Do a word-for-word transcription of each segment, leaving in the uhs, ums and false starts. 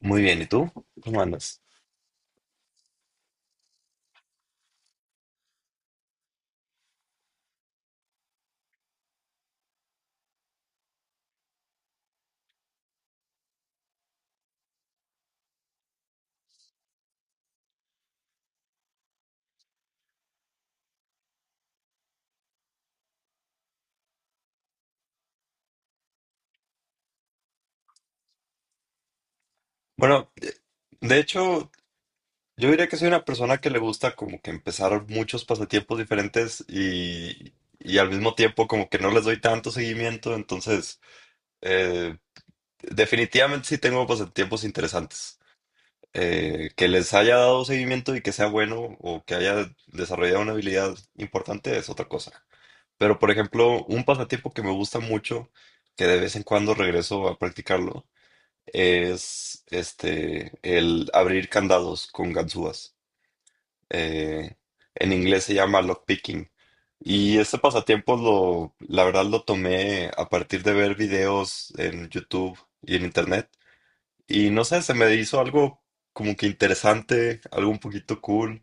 Muy bien, ¿y tú? ¿Cómo andas? Bueno, de hecho, yo diría que soy una persona que le gusta como que empezar muchos pasatiempos diferentes y, y al mismo tiempo como que no les doy tanto seguimiento. Entonces eh, definitivamente sí tengo pasatiempos interesantes. Eh, que les haya dado seguimiento y que sea bueno o que haya desarrollado una habilidad importante es otra cosa. Pero, por ejemplo, un pasatiempo que me gusta mucho, que de vez en cuando regreso a practicarlo, es este el abrir candados con ganzúas. Eh, en inglés se llama lockpicking. Y ese pasatiempo lo, la verdad lo tomé a partir de ver videos en YouTube y en internet. Y no sé, se me hizo algo como que interesante, algo un poquito cool.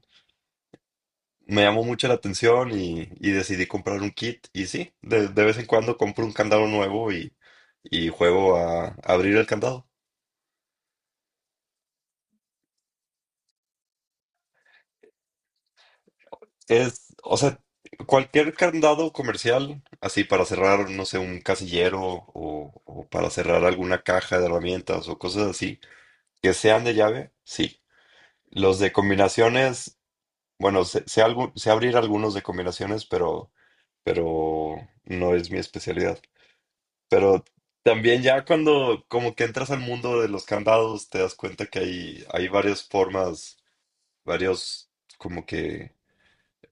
Me llamó mucho la atención y, y decidí comprar un kit. Y sí, de, de vez en cuando compro un candado nuevo y, y juego a abrir el candado. Es, o sea, cualquier candado comercial, así para cerrar, no sé, un casillero o, o para cerrar alguna caja de herramientas o cosas así, que sean de llave, sí. Los de combinaciones, bueno, sé, sé algo- sé abrir algunos de combinaciones, pero, pero no es mi especialidad. Pero también ya cuando como que entras al mundo de los candados, te das cuenta que hay, hay varias formas, varios como que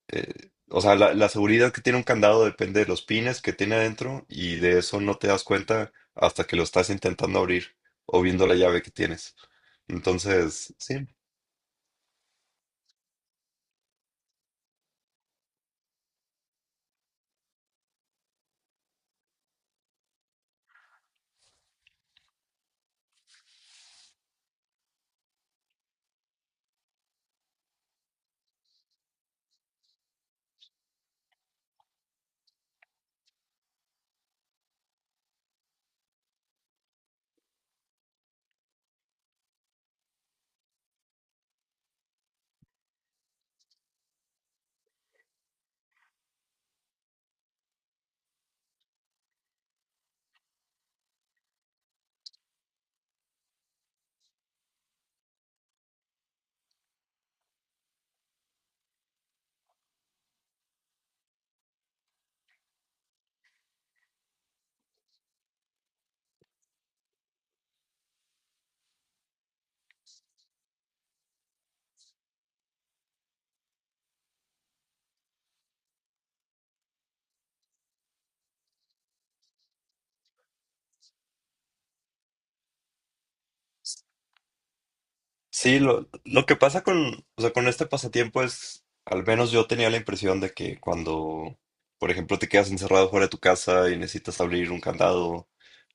eh, o sea, la, la seguridad que tiene un candado depende de los pines que tiene adentro y de eso no te das cuenta hasta que lo estás intentando abrir o viendo la llave que tienes. Entonces, sí, sí, lo, lo que pasa con, o sea, con este pasatiempo es, al menos yo tenía la impresión de que cuando, por ejemplo, te quedas encerrado fuera de tu casa y necesitas abrir un candado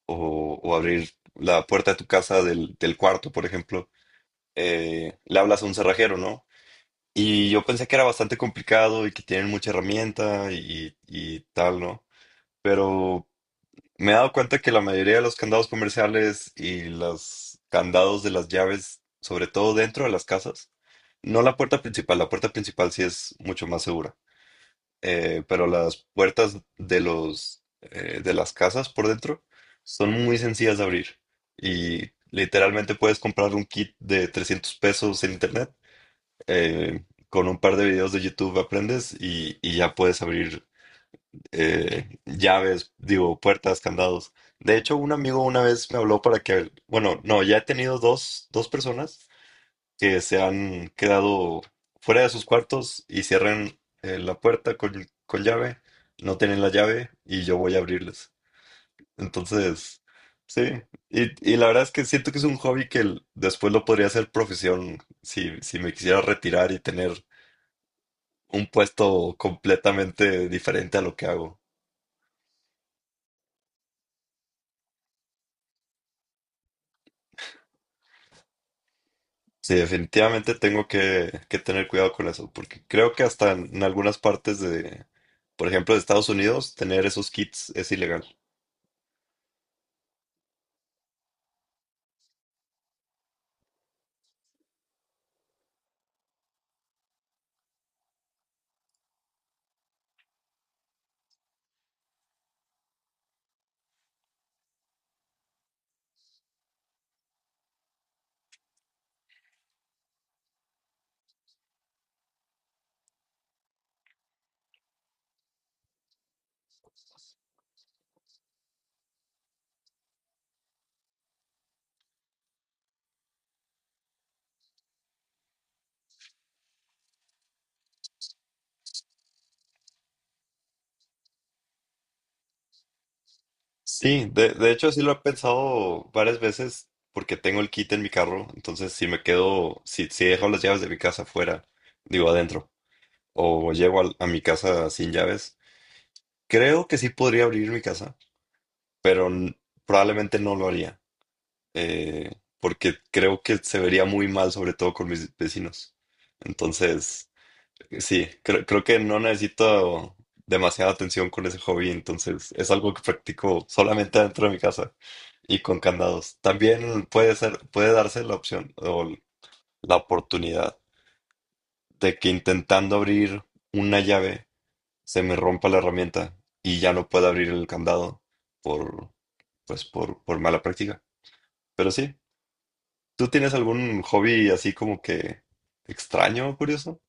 o, o abrir la puerta de tu casa del, del cuarto. Por ejemplo, eh, le hablas a un cerrajero, ¿no? Y yo pensé que era bastante complicado y que tienen mucha herramienta y, y tal, ¿no? Pero me he dado cuenta que la mayoría de los candados comerciales y los candados de las llaves, sobre todo dentro de las casas, no la puerta principal, la puerta principal sí es mucho más segura, eh, pero las puertas de los, eh, de las casas por dentro son muy sencillas de abrir y literalmente puedes comprar un kit de trescientos pesos en internet, eh, con un par de videos de YouTube aprendes y, y ya puedes abrir eh, llaves, digo, puertas, candados. De hecho, un amigo una vez me habló para que, bueno, no, ya he tenido dos, dos personas que se han quedado fuera de sus cuartos y cierran eh, la puerta con, con llave, no tienen la llave y yo voy a abrirles. Entonces, sí, y, y la verdad es que siento que es un hobby que l- después lo podría hacer profesión si, si me quisiera retirar y tener un puesto completamente diferente a lo que hago. Sí, definitivamente tengo que, que tener cuidado con eso, porque creo que hasta en, en algunas partes de, por ejemplo, de Estados Unidos, tener esos kits es ilegal. Sí, de, de hecho sí lo he pensado varias veces porque tengo el kit en mi carro. Entonces si me quedo, si, si dejo las llaves de mi casa afuera, digo adentro, o llego al- a, mi casa sin llaves, creo que sí podría abrir mi casa, pero n- probablemente no lo haría. eh, Porque creo que se vería muy mal, sobre todo con mis vecinos. Entonces, sí, creo, creo que no necesito demasiada atención con ese hobby, entonces es algo que practico solamente dentro de mi casa y con candados. También puede ser, puede darse la opción o la oportunidad de que intentando abrir una llave se me rompa la herramienta y ya no pueda abrir el candado por, pues, por, por mala práctica. Pero sí. ¿Tú tienes algún hobby así como que extraño o curioso?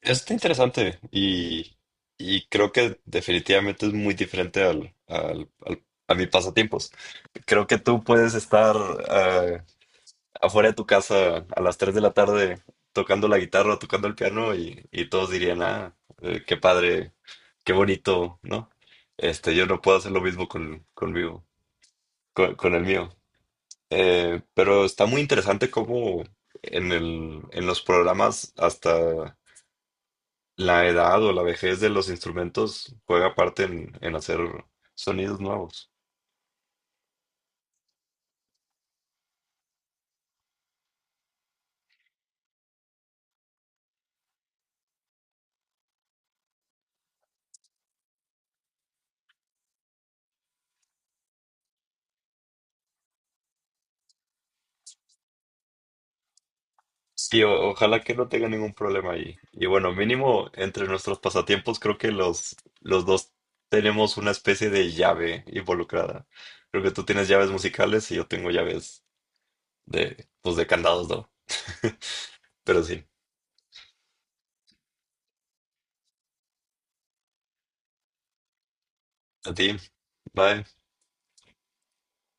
Está interesante y, y creo que definitivamente es muy diferente al, al- al- a mis pasatiempos. Creo que tú puedes estar eh, afuera de tu casa a las tres de la tarde tocando la guitarra o tocando el piano y, y todos dirían, ah, eh, qué padre, qué bonito, ¿no? Este, yo no puedo hacer lo mismo con, conmigo, con, con el mío. Eh, pero está muy interesante cómo en el, en los programas hasta la edad o la vejez de los instrumentos juega parte en, en hacer sonidos nuevos. Sí, o- ojalá que no tenga ningún problema ahí. Y bueno, mínimo entre nuestros pasatiempos creo que los, los dos tenemos una especie de llave involucrada. Creo que tú tienes llaves musicales y yo tengo llaves de, pues de candados, ¿no? Pero sí, a ti. Bye.